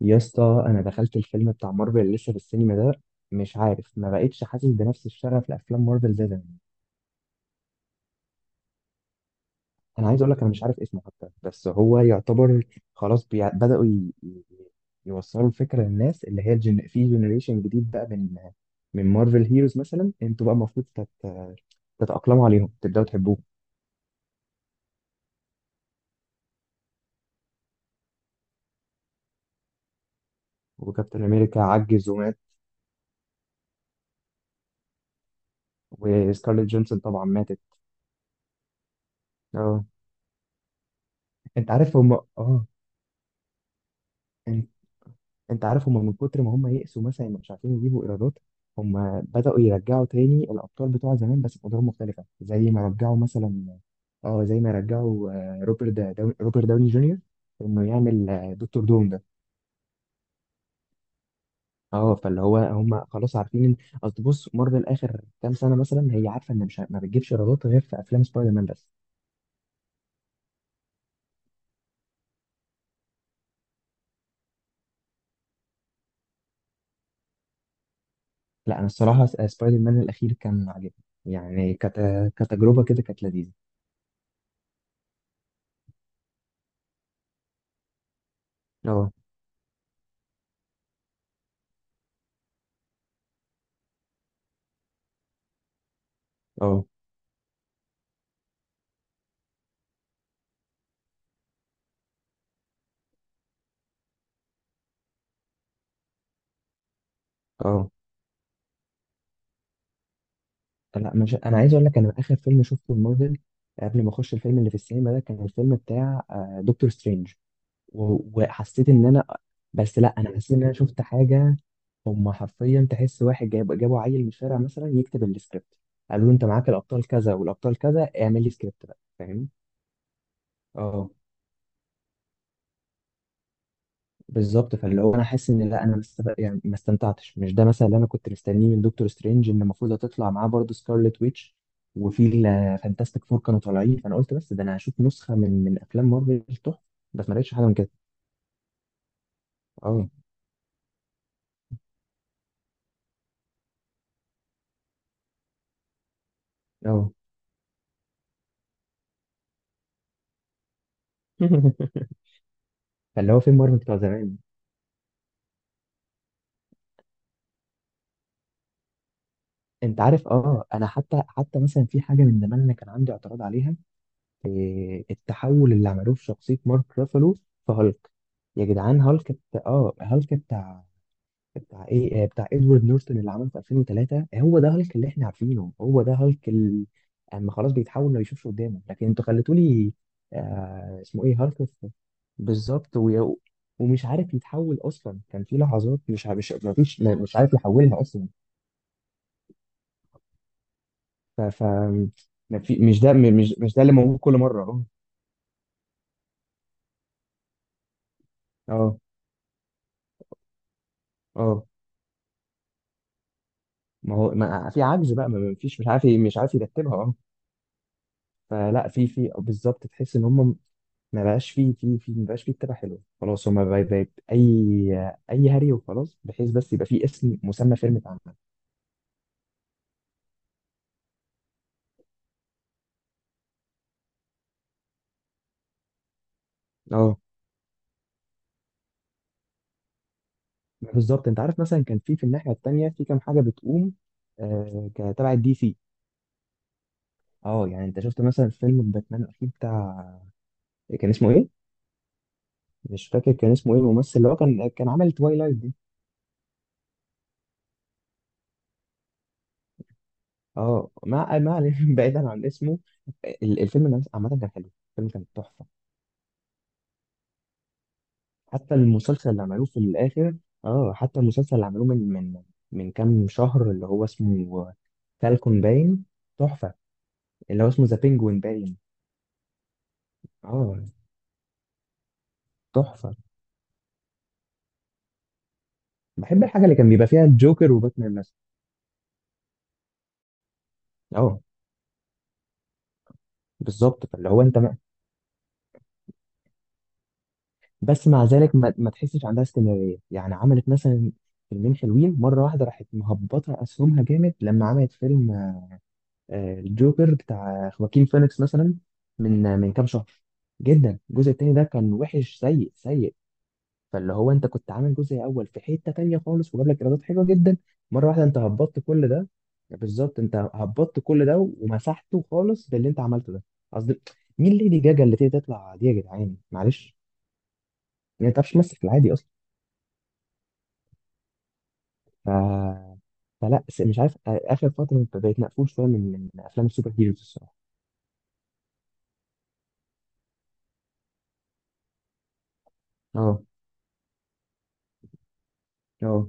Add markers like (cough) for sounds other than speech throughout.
يا اسطى انا دخلت الفيلم بتاع مارفل اللي لسه في السينما ده. مش عارف ما بقتش حاسس بنفس الشغف لافلام مارفل زي زمان. انا عايز اقول لك انا مش عارف اسمه حتى، بس هو يعتبر خلاص بي... بداوا ي... ي- يوصلوا الفكره للناس اللي هي الجن... في جنريشن جديد بقى من مارفل هيروز. مثلا انتوا بقى المفروض تتاقلموا عليهم، تبداوا تحبوهم. وكابتن امريكا عجز ومات، وسكارليت جونسون طبعا ماتت. اه، انت عارف هم، اه انت عارف هم من كتر ما هم يئسوا مثلا مش عارفين يجيبوا ايرادات، هم بدأوا يرجعوا تاني الابطال بتوع زمان بس بأدوار مختلفة، زي ما رجعوا مثلا، اه زي ما رجعوا روبرت دا داون روبرت داوني جونيور انه يعمل، دكتور دوم ده. اه فاللي هو هم خلاص عارفين ان، اصل بص مارفل اخر كام سنة مثلا هي عارفة ان مش ما بتجيبش ايرادات غير في افلام سبايدر مان بس. لا انا الصراحة سبايدر مان الاخير كان عاجبني، يعني كتجربة كده كانت لذيذة. اه، اه، اه، لا مش، انا عايز اقول لك انا اخر فيلم شفته مارفل قبل ما اخش الفيلم اللي في السينما ده كان الفيلم بتاع دكتور سترينج. و- وحسيت ان انا، بس لا انا حسيت ان انا شفت حاجه، هم حرفيا تحس واحد جابوا عيل من الشارع مثلا يكتب السكريبت، قالوا له انت معاك الابطال كذا والابطال كذا اعمل لي سكريبت بقى، فاهم؟ اه بالظبط. فاللي هو انا حاسس ان لا انا ما مست... يعني ما استمتعتش. مش ده مثلا اللي انا كنت مستنيه من دكتور سترينج، ان المفروض هتطلع معاه برضه سكارلت ويتش وفي الفانتاستيك فور كانوا طالعين، فانا قلت بس ده انا هشوف نسخه من افلام مارفل تحفه. بس ما لقيتش حاجه من كده. اه، اه. (laughs) فاللي هو فين مارفل بتاع زمان؟ انت عارف، اه انا حتى مثلا في حاجه من زمان انا كان عندي اعتراض عليها، إيه التحول اللي عملوه في شخصيه مارك رافالو في هالك. يا جدعان هالك بت... اه هالك بتاع ايه؟ بتاع ادوارد نورتون اللي عمله في 2003، هو ده هالك اللي احنا عارفينه، هو ده هالك اما خلاص بيتحول ما بيشوفش قدامه، لكن انتوا خليتوا لي آه اسمه ايه، هالك بالظبط. ويا- ومش عارف يتحول اصلا، كان في لحظات مش ما فيش ما- مش عارف يحولها اصلا. ف, ف ما في مش ده، مش ده اللي موجود كل مره. اه، اه، اه، ما هو ما في عجز بقى، ما ما فيش مش عارف مش عارف يرتبها. اه فلا، في بالظبط تحس ان هم ما بقاش فيه فيه فيه ما بقاش فيه كتابة حلوة خلاص. هما بقت أي، أي هري وخلاص، بحيث بس يبقى فيه اسم مسمى فيلم اتعمل. اه بالظبط. أنت عارف مثلا كان في الناحية التانية في كام حاجة بتقوم، كتبع الدي سي. اه يعني أنت شفت مثلا فيلم باتمان الأخير بتاع، كان اسمه إيه؟ مش فاكر كان اسمه إيه، الممثل اللي هو كان عامل توايلايت دي. اه ما ما علينا، (laughs) بعيدا عن اسمه، الفيلم ده عامة كان حلو، الفيلم كان تحفة. حتى المسلسل اللي عملوه في الآخر، اه حتى المسلسل اللي عملوه من كام شهر اللي هو اسمه فالكون باين، تحفة. اللي هو اسمه ذا بينجوين باين، اه تحفة. بحب الحاجة اللي كان بيبقى فيها الجوكر وباتمان مثلا. اه بالظبط. فاللي هو انت ما... بس مع ذلك ما تحسش عندها استمرارية، يعني عملت مثلا فيلمين حلوين مرة واحدة راحت مهبطة أسهمها جامد لما عملت فيلم الجوكر بتاع خواكين فينيكس مثلا، من كام شهر. جدا الجزء التاني ده كان وحش، سيء سيء. فاللي هو انت كنت عامل جزء اول في حته تانيه خالص وجاب لك ايرادات حلوه جدا، مره واحده انت هبطت كل ده. بالظبط انت هبطت كل ده ومسحته خالص باللي انت عملته ده، قصدي مين ليدي جاجا اللي تقدر تطلع دي يا جدعان معلش، يعني ما تعرفش تمثل في العادي اصلا. ف... فلا مش عارف، اخر فتره بقيت مقفول شويه من افلام السوبر هيروز الصراحه. اه، اه،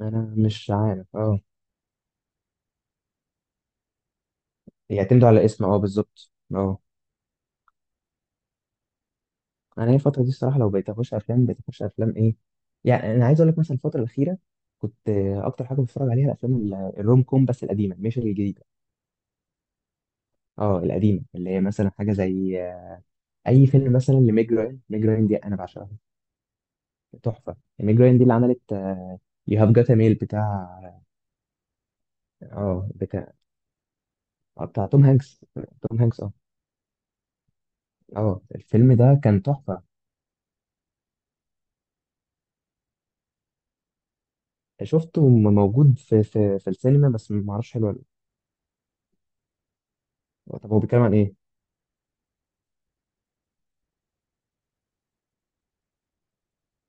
انا مش عارف، اه يعتمدوا على اسم، اه بالظبط، اه. انا هي الفتره دي الصراحه لو بقيت اخش افلام، بقيت اخش افلام ايه؟ يعني انا عايز اقول لك مثلا الفتره الاخيره كنت، اكتر حاجه بتفرج عليها الافلام الروم كوم، بس القديمه مش الجديده، اه القديمه اللي هي مثلا حاجه زي اي فيلم مثلا لميج راين. ميج راين دي انا بعشقها، تحفه. ميج راين دي اللي عملت يو هاف جات ميل بتاع، اه بتاع، بتاع توم هانكس. توم هانكس، اه، اه، الفيلم ده كان تحفه. شفته موجود في في السينما بس ما اعرفش حلو ولا لأ. طب هو بيتكلم عن ايه؟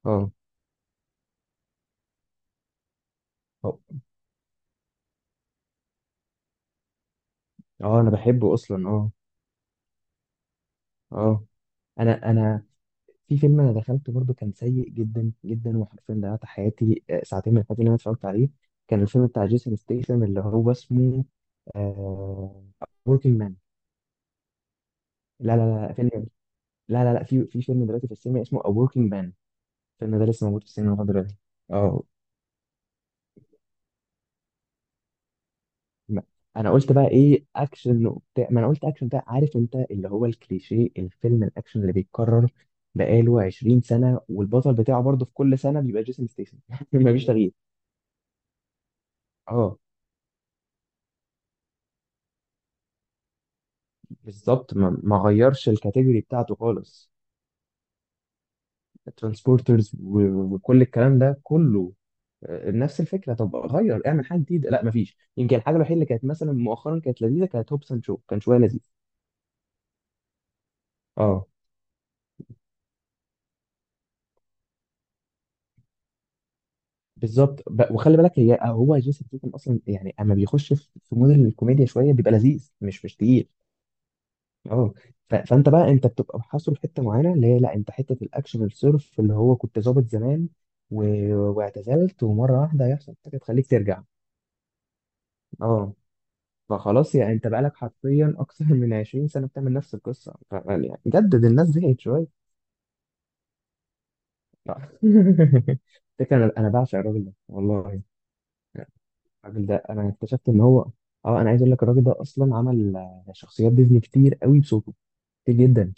اه، اه، انا بحبه اصلا، اه، اه. انا، انا في فيلم انا دخلته برضو كان سيء جدا جدا، وحرفيا ضيعت حياتي، ساعتين من حياتي اللي انا اتفرجت عليه، كان الفيلم بتاع جيسون ستيثم اللي هو اسمه آه وركينج مان. لا لا لا، فيلم، لا لا لا في فيلم دلوقتي في السينما اسمه A Working Man، الفيلم ده لسه موجود في السينما لغايه دلوقتي. اه ما- انا قلت بقى ايه اكشن وبتاع، ما انا قلت اكشن بتاع، عارف انت اللي هو الكليشيه، الفيلم الاكشن اللي بيتكرر بقاله 20 سنه والبطل بتاعه برضه في كل سنه بيبقى جيسون ستيسن. (laughs) مفيش تغيير. اه بالظبط، ما غيرش الكاتيجوري بتاعته خالص. ترانسبورترز وكل الكلام ده كله، نفس الفكره. طب غير، اعمل حاجه جديده، لا مفيش. يمكن الحاجه الوحيده اللي كانت مثلا مؤخرا كانت لذيذه كانت هوبس اند شو، كان شويه لذيذ. اه بالظبط. ب- وخلي بالك هي، هو جيسون ستيتم اصلا يعني اما بيخش في مود الكوميديا شويه بيبقى لذيذ، مش مش تقيل. اه ف- فانت بقى، انت بتبقى محاصر في حته معينه اللي هي، لا انت حته الاكشن الصرف اللي هو كنت ظابط زمان و... واعتزلت، ومره واحده هيحصل حاجه تخليك ترجع. اه فخلاص، يعني انت بقالك حرفيا اكثر من 20 سنه بتعمل نفس القصه، يعني جدد، الناس زهقت شويه. (laughs) فكرة، أنا بعشق الراجل ده والله. الراجل ده انا اكتشفت ان هو، اه انا عايز اقول لك الراجل ده اصلا عمل، شخصيات ديزني كتير قوي بصوته، كتير جدا.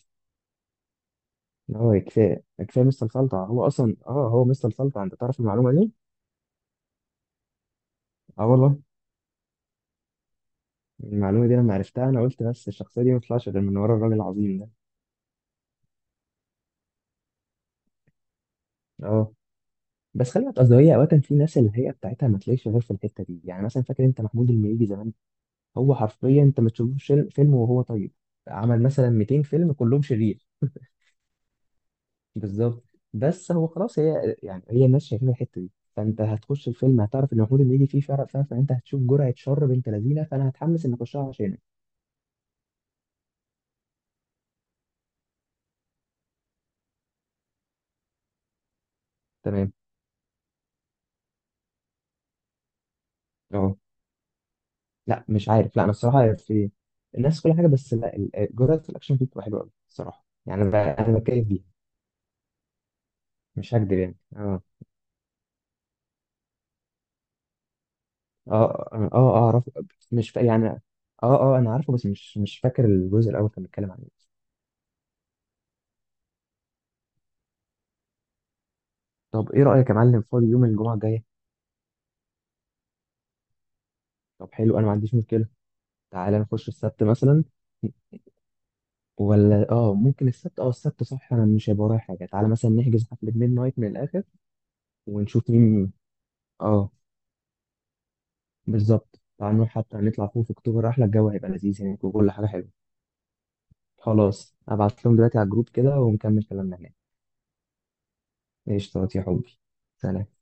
إن هو كفايه، كفايه مستر سلطع. هو اصلا، اه هو مستر سلطع، انت تعرف المعلومه دي؟ اه والله. المعلومه دي لما عرفتها انا قلت بس الشخصيه دي ما تطلعش غير من ورا الراجل العظيم ده. اه بس خلي بالك قصدي، هي اوقات في ناس الهيئه بتاعتها ما تلاقيش غير في الحته دي، يعني مثلا فاكر انت محمود المليجي زمان، هو حرفيا انت ما تشوفوش فيلم وهو طيب، عمل مثلا 200 فيلم كلهم شرير. بالظبط. بس هو خلاص هي، يعني هي الناس شايفين الحته دي، فانت هتخش الفيلم هتعرف ان محمود اللي يجي فيه فرق، فاهم؟ فانت هتشوف جرعه شر بنت لذينه، فانا هتحمس اني اخشها عشانه. تمام. اه لا مش عارف، لا انا الصراحه في الناس كل حاجه، بس لا جرعه الاكشن فيه بتبقى حلوه قوي الصراحه، يعني انا بتكيف بيها، مش هكدب يعني، اه، اه، اه، اه، أه، اعرف. مش فا... يعني اه، اه انا عارفه بس مش فاكر الجزء الاول كان بيتكلم عن ايه. طب ايه رايك يا معلم فاضي يوم الجمعه الجايه؟ طب حلو انا ما عنديش مشكله. تعالى نخش السبت مثلا، ولا اه، ممكن السبت، اه السبت صح، انا مش هيبقى ورايا حاجه، تعالى مثلا نحجز حفله ميد نايت من الاخر ونشوف مين. اه بالظبط، تعالى نروح حتى نطلع فوق في اكتوبر، احلى، الجو هيبقى لذيذ هناك وكل حاجه حلوه. خلاص ابعت لهم دلوقتي على الجروب كده ونكمل كلامنا هناك. ايش يا حبي؟ سلام.